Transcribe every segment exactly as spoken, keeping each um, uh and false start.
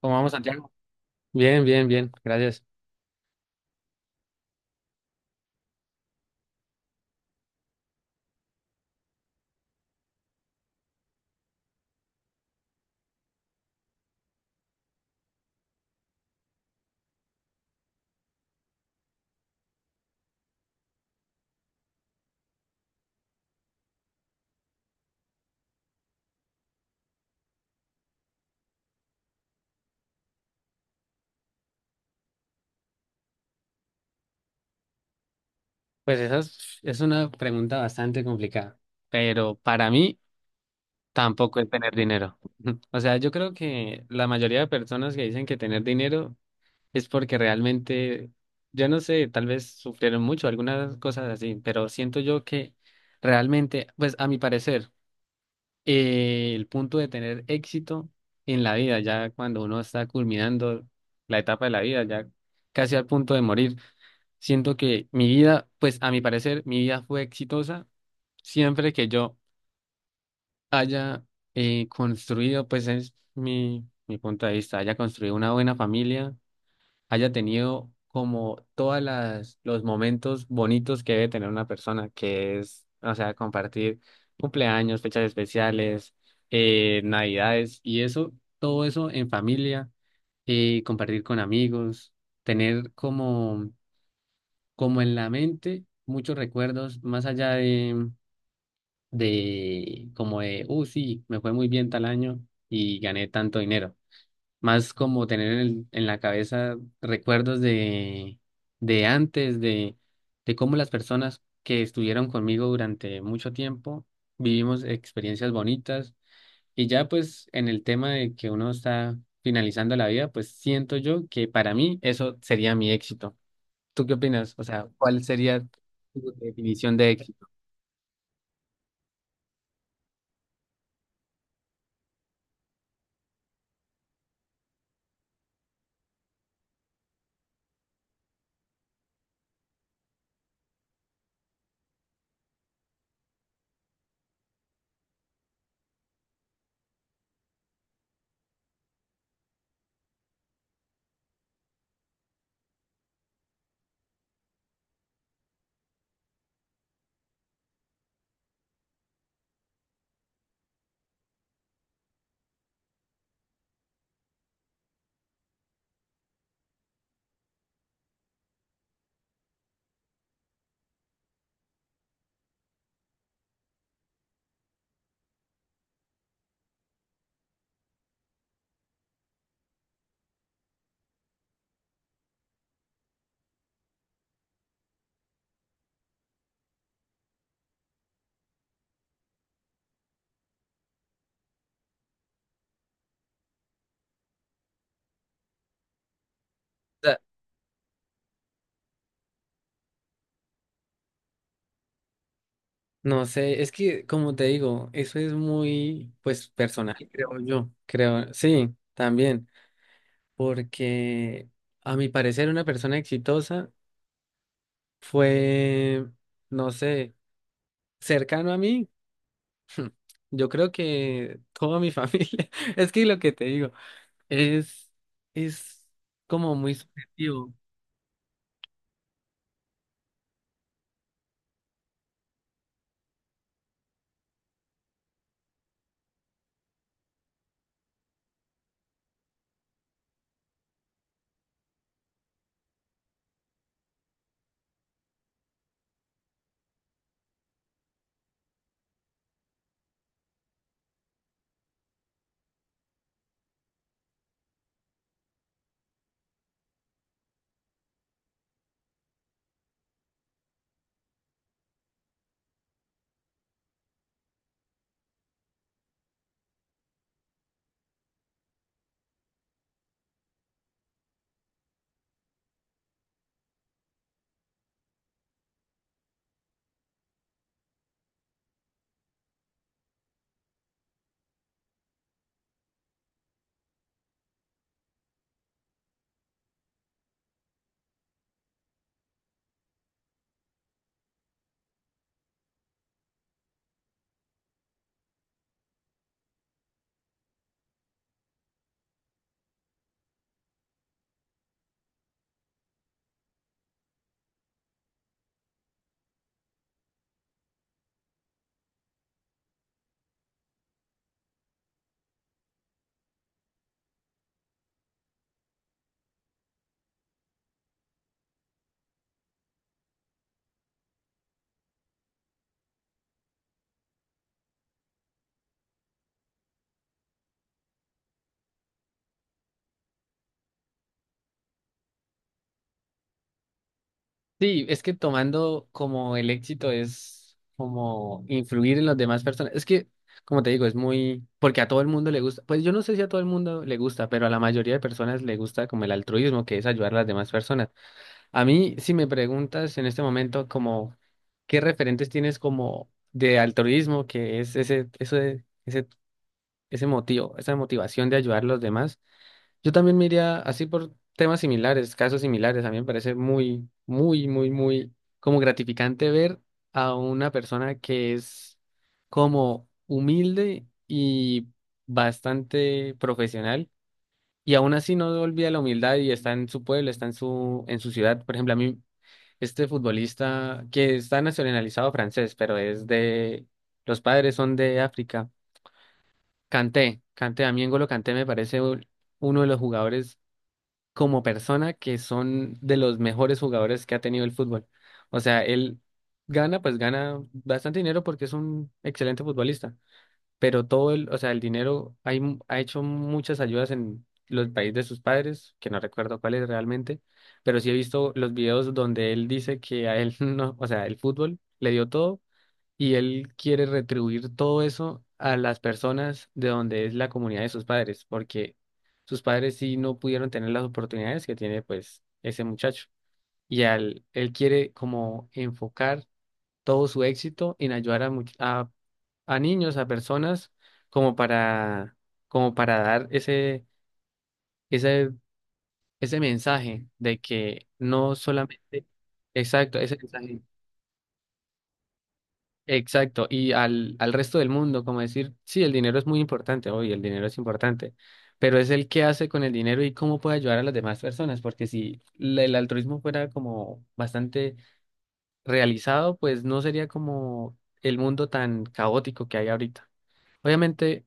¿Cómo vamos, Santiago? Bien, bien, bien, gracias. Pues esa es, es una pregunta bastante complicada, pero para mí tampoco es tener dinero. O sea, yo creo que la mayoría de personas que dicen que tener dinero es porque realmente, yo no sé, tal vez sufrieron mucho, algunas cosas así, pero siento yo que realmente, pues a mi parecer, eh, el punto de tener éxito en la vida, ya cuando uno está culminando la etapa de la vida, ya casi al punto de morir. Siento que mi vida, pues a mi parecer, mi vida fue exitosa siempre que yo haya eh, construido, pues es mi, mi punto de vista, haya construido una buena familia, haya tenido como todas las los momentos bonitos que debe tener una persona, que es, o sea, compartir cumpleaños, fechas especiales, eh, navidades y eso, todo eso en familia, eh, compartir con amigos, tener como como en la mente, muchos recuerdos, más allá de, de como de, uh, sí, me fue muy bien tal año y gané tanto dinero. Más como tener en, el- en la cabeza recuerdos de, de antes, de, de cómo las personas que estuvieron conmigo durante mucho tiempo vivimos experiencias bonitas. Y ya pues en el tema de que uno está finalizando la vida, pues siento yo que para mí eso sería mi éxito. ¿Tú qué opinas? O sea, ¿cuál sería tu definición de éxito? O sea, no sé, es que como te digo, eso es muy, pues, personal, creo yo, creo, sí, también, porque a mi parecer una persona exitosa fue, no sé, cercano a mí, yo creo que toda mi familia, es que lo que te digo, es, es como muy subjetivo. Sí, es que tomando como el éxito es como influir en las demás personas. Es que, como te digo, es muy, porque a todo el mundo le gusta, pues yo no sé si a todo el mundo le gusta, pero a la mayoría de personas le gusta como el altruismo, que es ayudar a las demás personas. A mí, si me preguntas en este momento como, ¿qué referentes tienes como de altruismo, que es ese, ese, ese, ese motivo, esa motivación de ayudar a los demás? Yo también me iría así por temas similares, casos similares. A mí me parece muy, muy, muy, muy como gratificante ver a una persona que es como humilde y bastante profesional y aún así no olvida la humildad y está en su pueblo, está en su, en su ciudad. Por ejemplo, a mí este futbolista que está nacionalizado francés, pero es de, los padres son de África. Kanté, Kanté, a mí N'Golo Kanté me parece uno de los jugadores como persona que son de los mejores jugadores que ha tenido el fútbol. O sea, él gana, pues gana bastante dinero porque es un excelente futbolista, pero todo el, o sea, el dinero hay mu- ha hecho muchas ayudas en los países de sus padres, que no recuerdo cuál es realmente, pero sí he visto los videos donde él dice que a él no, o sea, el fútbol le dio todo y él quiere retribuir todo eso a las personas de donde es la comunidad de sus padres, porque sus padres sí no pudieron tener las oportunidades que tiene pues ese muchacho. Y al, él quiere como enfocar todo su éxito en ayudar a, much- a, a niños, a personas, como para, como para dar ese, ese, ese mensaje de que no solamente, exacto, ese mensaje. Exacto, y al, al resto del mundo, como decir, sí, el dinero es muy importante, obvio, el dinero es importante, pero es el qué hace con el dinero y cómo puede ayudar a las demás personas, porque si la- el altruismo fuera como bastante realizado, pues no sería como el mundo tan caótico que hay ahorita. Obviamente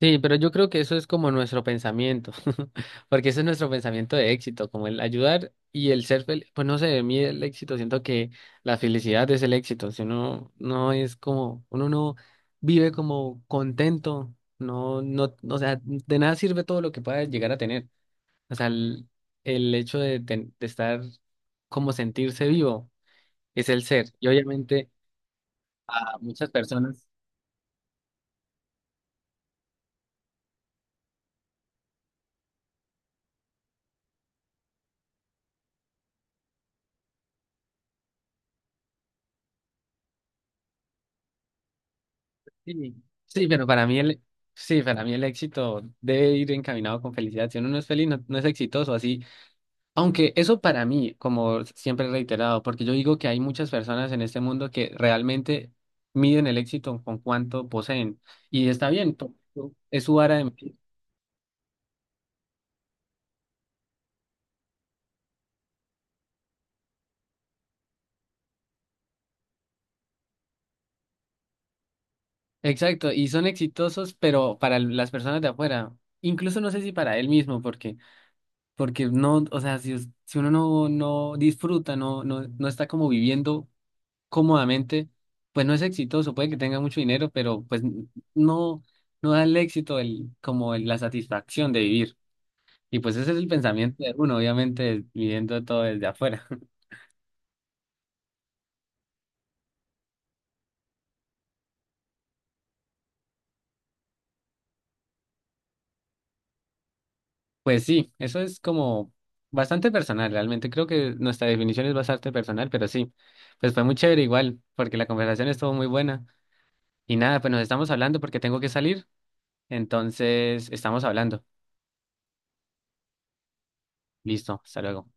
sí, pero yo creo que eso es como nuestro pensamiento, porque ese es nuestro pensamiento de éxito, como el ayudar y el ser feliz. Pues no sé, a mí el éxito, siento que la felicidad es el éxito. Si uno no es como, uno no vive como contento, no, no, o sea, de nada sirve todo lo que pueda llegar a tener. O sea, el, el hecho de, ten- de estar como sentirse vivo es el ser. Y obviamente a muchas personas. Sí, sí, pero para mí el, sí, para mí el éxito debe ir encaminado con felicidad. Si uno no es feliz, no, no es exitoso así. Aunque eso para mí, como siempre he reiterado, porque yo digo que hay muchas personas en este mundo que realmente miden el éxito con cuánto poseen. Y está bien, to- to- es su vara de medir. Exacto, y son exitosos, pero para el- las personas de afuera, incluso no sé si para él mismo, porque, porque no, o sea, si, es- si uno no, no disfruta, no, no, no está como viviendo cómodamente, pues no es exitoso, puede que tenga mucho dinero, pero pues n- no, no da el éxito el, como el- la satisfacción de vivir. Y pues ese es el pensamiento de uno, obviamente, viviendo todo desde afuera. Pues sí, eso es como bastante personal, realmente. Creo que nuestra definición es bastante personal, pero sí, pues fue muy chévere igual, porque la conversación estuvo muy buena. Y nada, pues nos estamos hablando porque tengo que salir, entonces estamos hablando. Listo, hasta luego.